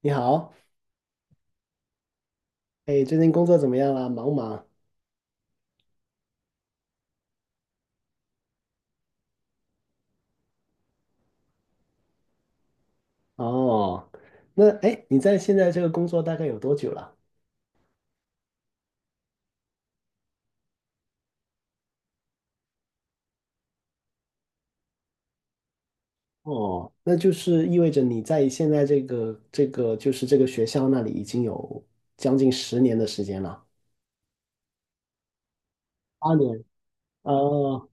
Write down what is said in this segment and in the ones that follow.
你好。哎，最近工作怎么样啊？忙不忙？哦，那哎，你在现在这个工作大概有多久了？哦，那就是意味着你在现在这个学校那里已经有将近10年的时间了。8年。哦，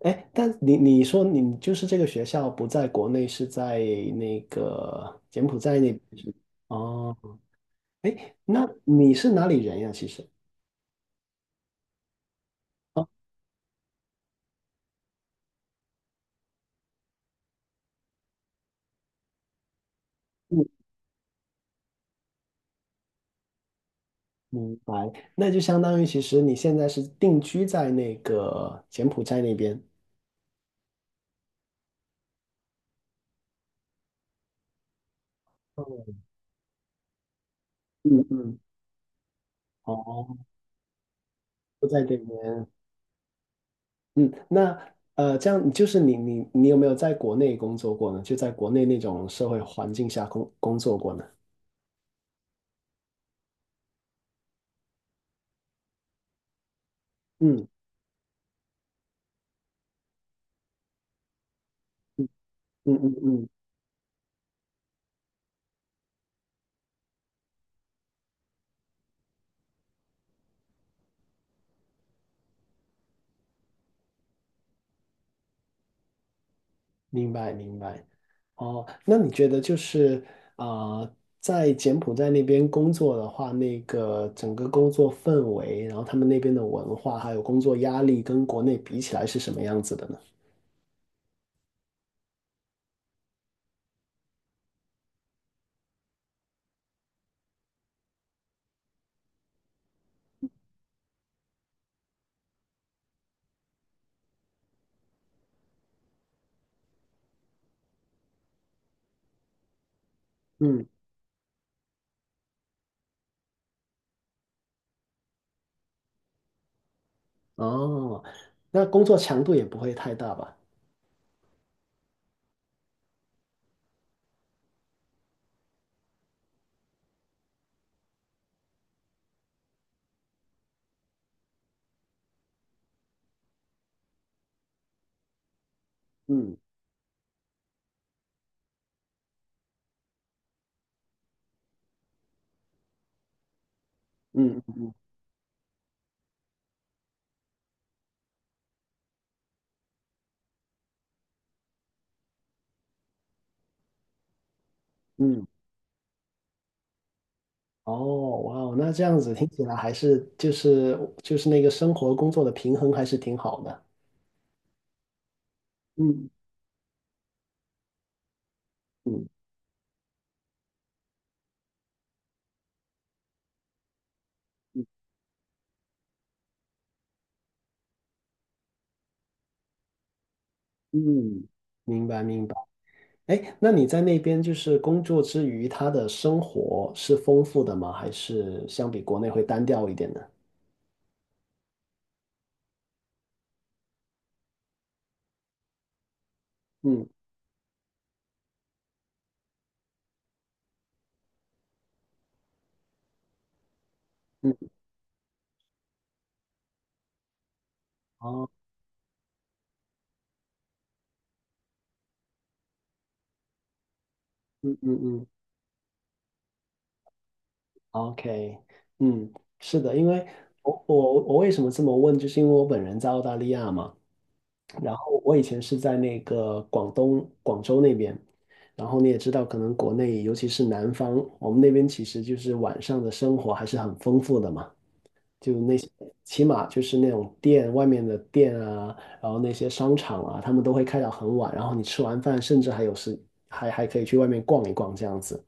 哎，但你说你就是这个学校不在国内，是在那个柬埔寨那边是吗？哦，哎，那你是哪里人呀？其实？哦，明白，那就相当于其实你现在是定居在那个柬埔寨那边。嗯嗯。哦，都在这边。嗯，那,这样就是你有没有在国内工作过呢？就在国内那种社会环境下工作过呢？嗯嗯嗯嗯，明白明白。哦，那你觉得就是啊、呃在柬埔寨那边工作的话，那个整个工作氛围，然后他们那边的文化，还有工作压力，跟国内比起来是什么样子的呢？嗯，哦，那工作强度也不会太大吧？嗯嗯嗯，哦，哇哦，那这样子听起来还是就是那个生活工作的平衡还是挺好的。嗯嗯嗯，嗯，明白明白。哎，那你在那边就是工作之余，他的生活是丰富的吗？还是相比国内会单调一点呢？嗯嗯，哦，嗯嗯嗯，OK，嗯，是的，因为我为什么这么问，就是因为我本人在澳大利亚嘛。然后我以前是在那个广东广州那边，然后你也知道，可能国内尤其是南方，我们那边其实就是晚上的生活还是很丰富的嘛。就那些，起码就是那种店外面的店啊，然后那些商场啊，他们都会开到很晚，然后你吃完饭，甚至还有时还可以去外面逛一逛这样子。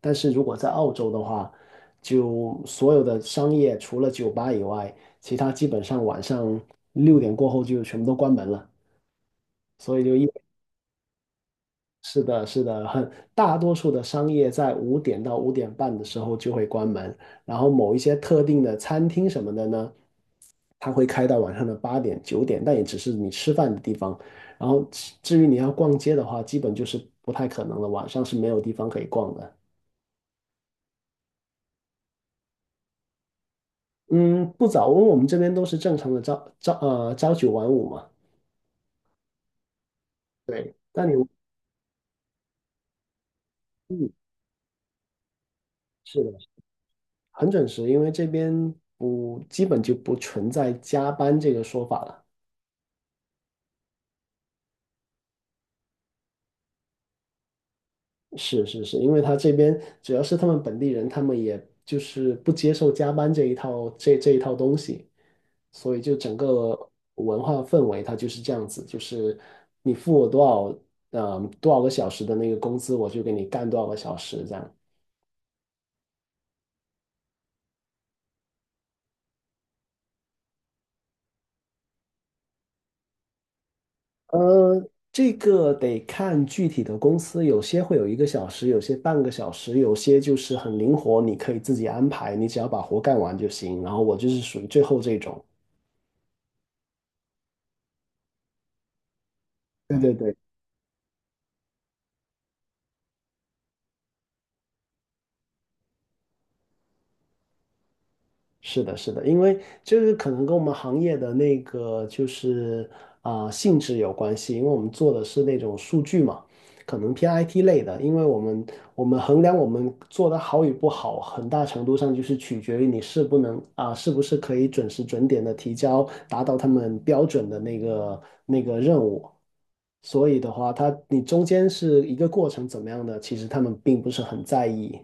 但是如果在澳洲的话，就所有的商业除了酒吧以外，其他基本上晚上6点过后就全部都关门了，所以就一，是的，是的，很大多数的商业在5点到5点半的时候就会关门，然后某一些特定的餐厅什么的呢。它会开到晚上的8点、9点，但也只是你吃饭的地方。然后至于你要逛街的话，基本就是不太可能了，晚上是没有地方可以逛的。嗯，不早，因为我们这边都是正常的朝9晚5嘛。对，但你，嗯，是的，很准时，因为这边不基本就不存在加班这个说法了。是是是，因为他这边主要是他们本地人，他们也就是不接受加班这一套东西。所以就整个文化氛围它就是这样子，就是你付我多少个小时的那个工资，我就给你干多少个小时这样。呃，这个得看具体的公司，有些会有1个小时，有些半个小时，有些就是很灵活，你可以自己安排，你只要把活干完就行。然后我就是属于最后这种。对对对。是的，是的，因为这个可能跟我们行业的那个性质有关系，因为我们做的是那种数据嘛，可能偏 IT 类的，因为我们衡量我们做的好与不好，很大程度上就是取决于你是不能啊、是不是可以准时准点的提交，达到他们标准的那个任务。所以的话，它你中间是一个过程怎么样的，其实他们并不是很在意。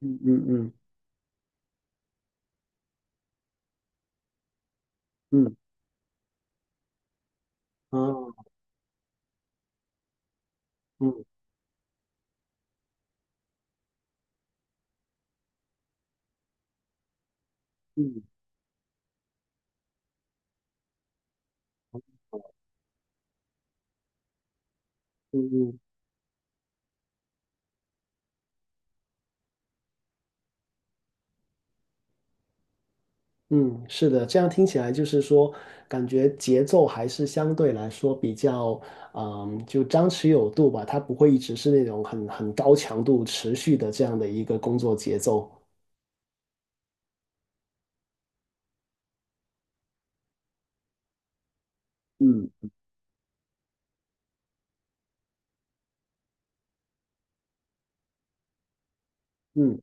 嗯嗯嗯嗯，啊，嗯嗯。嗯嗯，嗯，是的，这样听起来就是说，感觉节奏还是相对来说比较，嗯，就张弛有度吧，它不会一直是那种很高强度持续的这样的一个工作节奏。嗯嗯，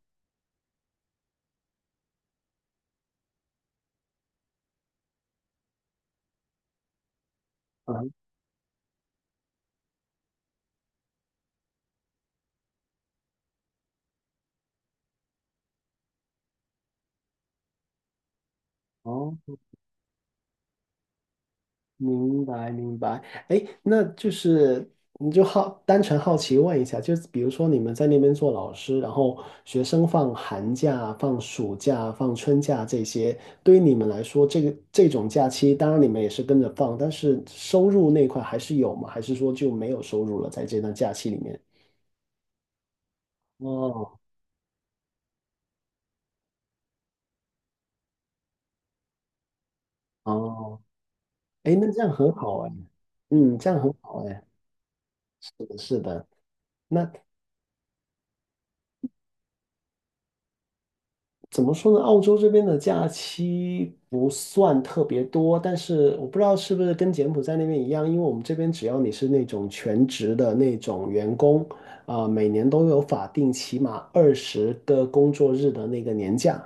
啊，哦。明白明白，哎，那就是你就好单纯好奇问一下，就是比如说你们在那边做老师，然后学生放寒假、放暑假、放春假这些，对于你们来说，这个这种假期，当然你们也是跟着放，但是收入那块还是有吗？还是说就没有收入了，在这段假期里面？哦哦，哎，那这样很好哎，嗯，这样很好哎，是的，是的。那，怎么说呢？澳洲这边的假期不算特别多，但是我不知道是不是跟柬埔寨那边一样，因为我们这边只要你是那种全职的那种员工，每年都有法定起码二十个工作日的那个年假。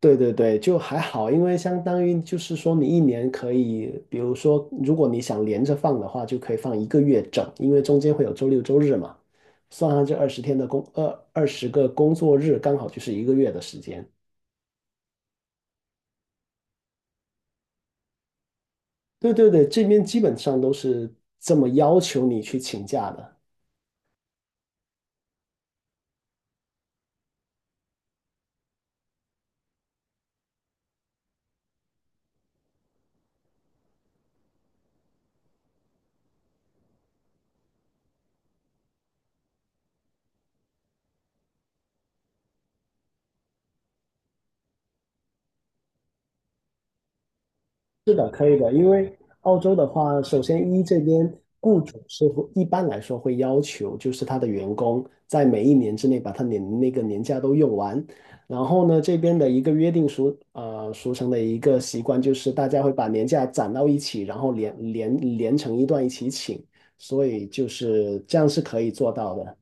对对对，就还好，因为相当于就是说，你一年可以，比如说，如果你想连着放的话，就可以放一个月整，因为中间会有周六周日嘛，算上这20天的工，二十个工作日，刚好就是一个月的时间。对对对，这边基本上都是这么要求你去请假的。是的，可以的，因为澳洲的话，首先一这边雇主是会一般来说会要求，就是他的员工在每一年之内把那个年假都用完。然后呢，这边的一个约定俗呃俗成的一个习惯就是大家会把年假攒到一起，然后连成一段一起请，所以就是这样是可以做到的。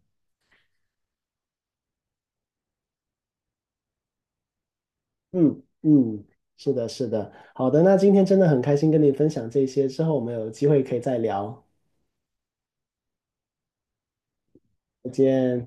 嗯嗯，是的，是的，好的，那今天真的很开心跟你分享这些，之后我们有机会可以再聊，再见。